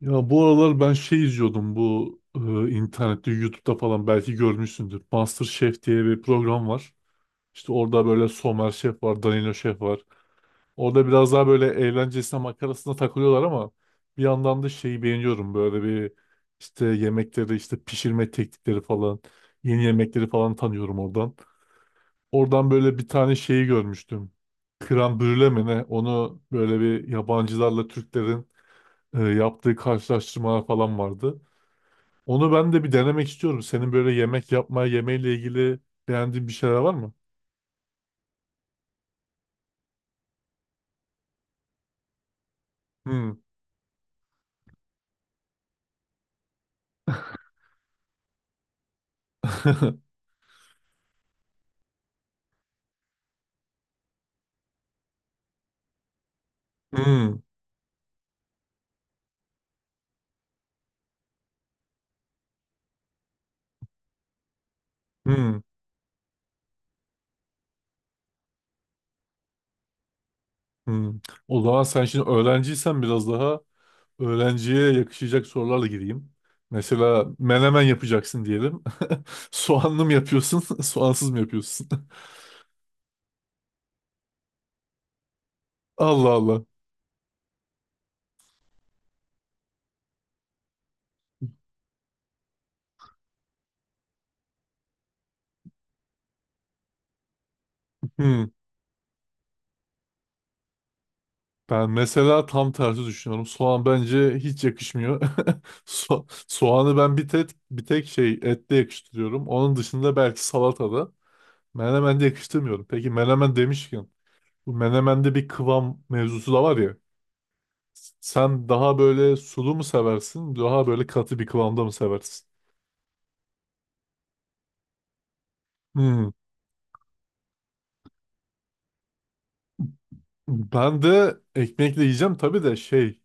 Ya bu aralar ben izliyordum bu internette YouTube'da falan belki görmüşsündür. MasterChef diye bir program var. İşte orada böyle Somer Şef var, Danilo Şef var. Orada biraz daha böyle eğlencesine makarasına takılıyorlar ama bir yandan da şeyi beğeniyorum. Böyle bir işte yemekleri, işte pişirme teknikleri falan, yeni yemekleri falan tanıyorum oradan. Oradan böyle bir tane şeyi görmüştüm. Krem brüle mi ne? Onu böyle bir yabancılarla Türklerin yaptığı karşılaştırmalar falan vardı. Onu ben de bir denemek istiyorum. Senin böyle yemek yapma, yemeğiyle ilgili beğendiğin bir şeyler var mı? Hmm. Hmm. Hmm. Hmm. O zaman sen şimdi öğrenciysen biraz daha öğrenciye yakışacak sorularla gireyim. Mesela menemen yapacaksın diyelim. Soğanlı mı yapıyorsun, soğansız mı yapıyorsun? Allah Allah. Hmm. Ben mesela tam tersi düşünüyorum. Soğan bence hiç yakışmıyor. Soğanı ben bir tek ette yakıştırıyorum. Onun dışında belki salatada. Menemen de yakıştırmıyorum. Peki menemen demişken bu menemende bir kıvam mevzusu da var ya. Sen daha böyle sulu mu seversin? Daha böyle katı bir kıvamda mı seversin? Hmm. Ben de ekmekle yiyeceğim tabii de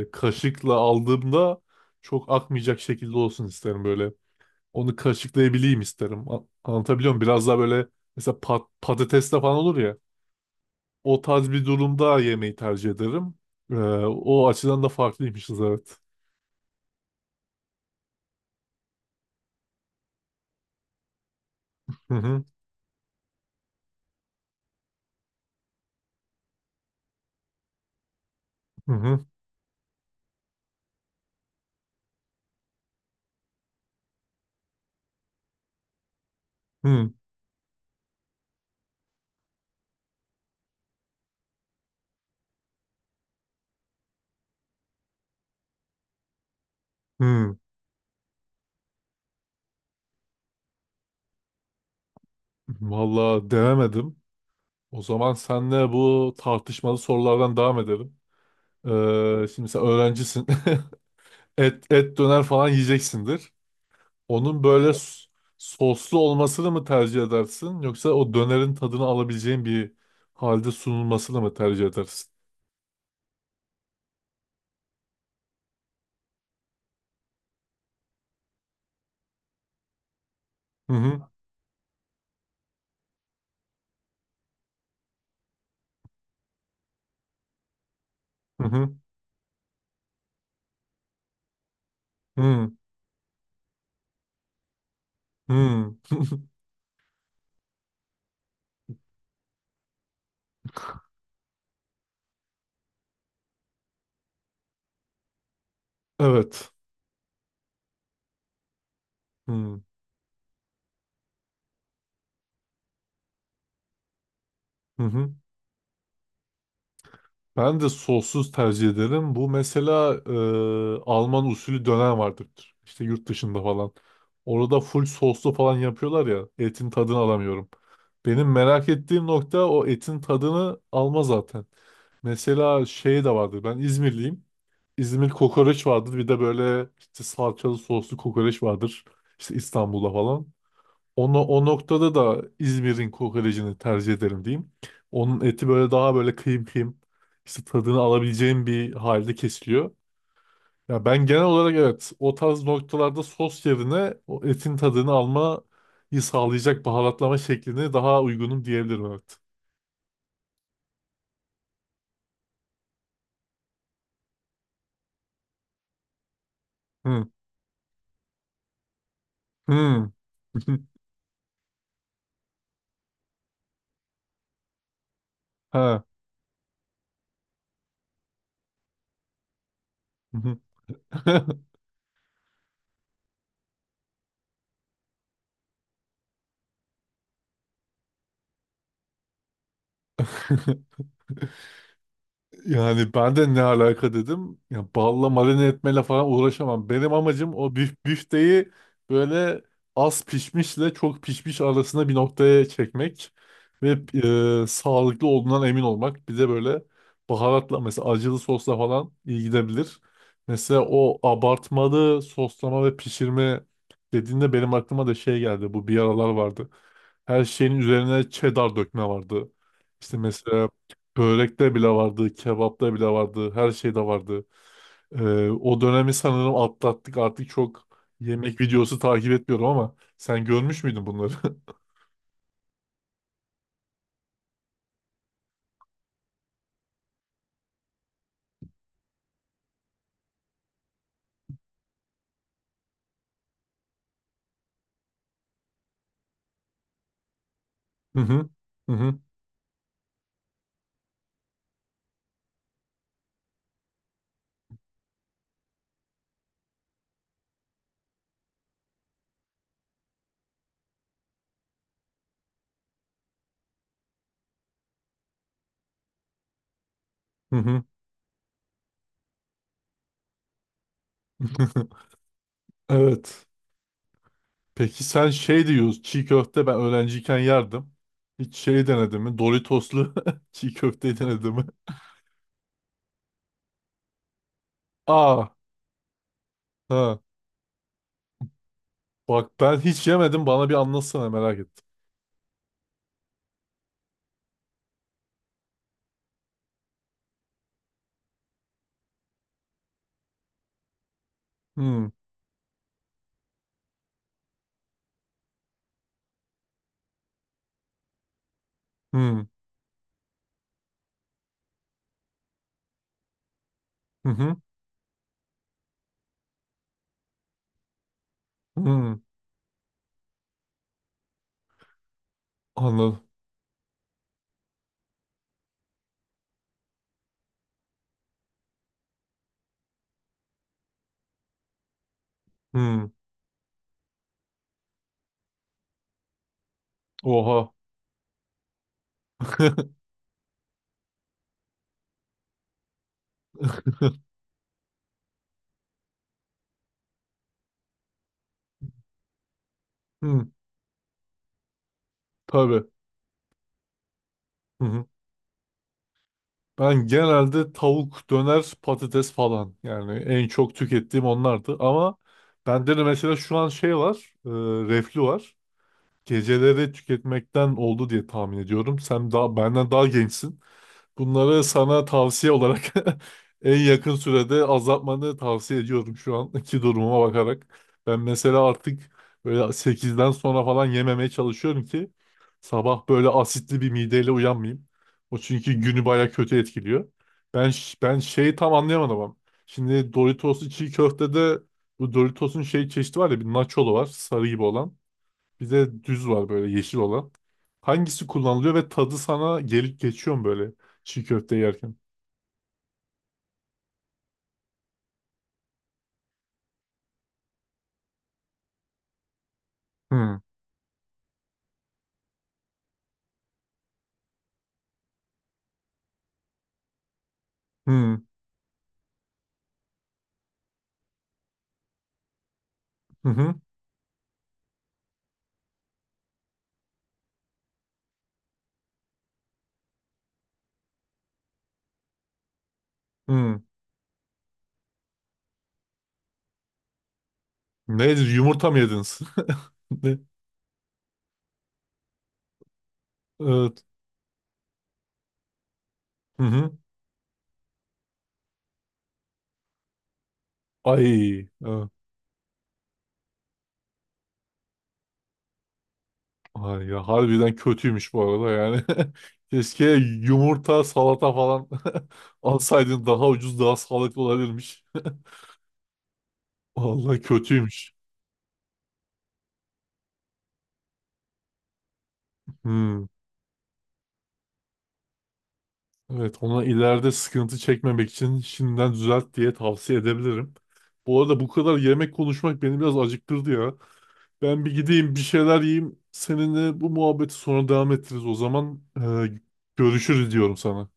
kaşıkla aldığımda çok akmayacak şekilde olsun isterim böyle. Onu kaşıklayabileyim isterim. Anlatabiliyor muyum? Biraz daha böyle mesela patateste falan olur ya. O tarz bir durumda yemeği tercih ederim. Ee, O açıdan da farklıymışız evet. Hı hı hı hı hı. Hı. Vallahi denemedim. O zaman senle bu tartışmalı sorulardan devam edelim. Şimdi sen öğrencisin. Et döner falan yiyeceksindir. Onun böyle soslu olmasını mı tercih edersin yoksa o dönerin tadını alabileceğin bir halde sunulmasını mı tercih edersin? Hı hı hı hı hı hı. Evet. Hı hı. Hı. Ben de sossuz tercih ederim. Bu mesela Alman usulü döner vardır. İşte yurt dışında falan. Orada full soslu falan yapıyorlar ya. Etin tadını alamıyorum. Benim merak ettiğim nokta o etin tadını alma zaten. Mesela şey de vardır. Ben İzmirliyim. İzmir kokoreç vardır. Bir de böyle işte salçalı soslu kokoreç vardır. İşte İstanbul'da falan. Onu, o noktada da İzmir'in kokorecini tercih ederim diyeyim. Onun eti böyle daha böyle kıyım kıyım işte tadını alabileceğim bir halde kesiliyor. Ya ben genel olarak evet o tarz noktalarda sos yerine o etin tadını almayı sağlayacak baharatlama şeklini daha uygunum diyebilirim evet. Hı. Hı. Ha. Yani ben de ne alaka dedim. Ya balla marine etmeyle falan uğraşamam. Benim amacım o büfteyi böyle az pişmişle çok pişmiş arasında bir noktaya çekmek ve sağlıklı olduğundan emin olmak. Bir de böyle baharatla mesela acılı sosla falan iyi gidebilir. Mesela o abartmalı soslama ve pişirme dediğinde benim aklıma da şey geldi. Bu bir aralar vardı. Her şeyin üzerine cheddar dökme vardı. İşte mesela börekte bile vardı, kebapta bile vardı, her şeyde vardı. O dönemi sanırım atlattık. Artık çok yemek videosu takip etmiyorum ama sen görmüş müydün bunları? Hı hı. Hı hı. Hı hı. Evet. Peki sen şey diyorsun, çiğ köfte ben öğrenciyken yerdim. Hiç şey denedin mi? Doritoslu çiğ köfteyi denedin mi? Aa, ha. Bak ben hiç yemedim. Bana bir anlatsana merak ettim. Hmm, hmm, hı hı, hmm. Anladım. Hmm. Oha. Hı, tabii. Hı hı. Ben genelde tavuk, döner, patates falan. Yani en çok tükettiğim onlardı. Ama bende de mesela şu an şey var. Reflü var. Geceleri tüketmekten oldu diye tahmin ediyorum. Sen daha benden daha gençsin. Bunları sana tavsiye olarak en yakın sürede azaltmanı tavsiye ediyorum şu anki durumuma bakarak. Ben mesela artık böyle sekizden sonra falan yememeye çalışıyorum ki sabah böyle asitli bir mideyle uyanmayayım. O çünkü günü baya kötü etkiliyor. Ben ben şeyi tam anlayamadım ama. Şimdi Doritos'lu çiğ köftede bu Doritos'un şey çeşidi var ya bir nacholu var sarı gibi olan. Bir de düz var böyle yeşil olan. Hangisi kullanılıyor ve tadı sana gelip geçiyor mu böyle çiğ köfte yerken? Hmm. Hmm. Hı hı. Hmm. Nedir? Yumurta mı yediniz? Ne? Evet. Hı hı. Ay. Evet. Ay ya harbiden kötüymüş bu arada yani. Keşke yumurta, salata falan alsaydın daha ucuz, daha sağlıklı olabilirmiş. Vallahi kötüymüş. Hmm. Evet, ona ileride sıkıntı çekmemek için şimdiden düzelt diye tavsiye edebilirim. Bu arada bu kadar yemek konuşmak beni biraz acıktırdı ya. Ben bir gideyim bir şeyler yiyeyim. Seninle bu muhabbeti sonra devam ettiririz o zaman. Görüşürüz diyorum sana.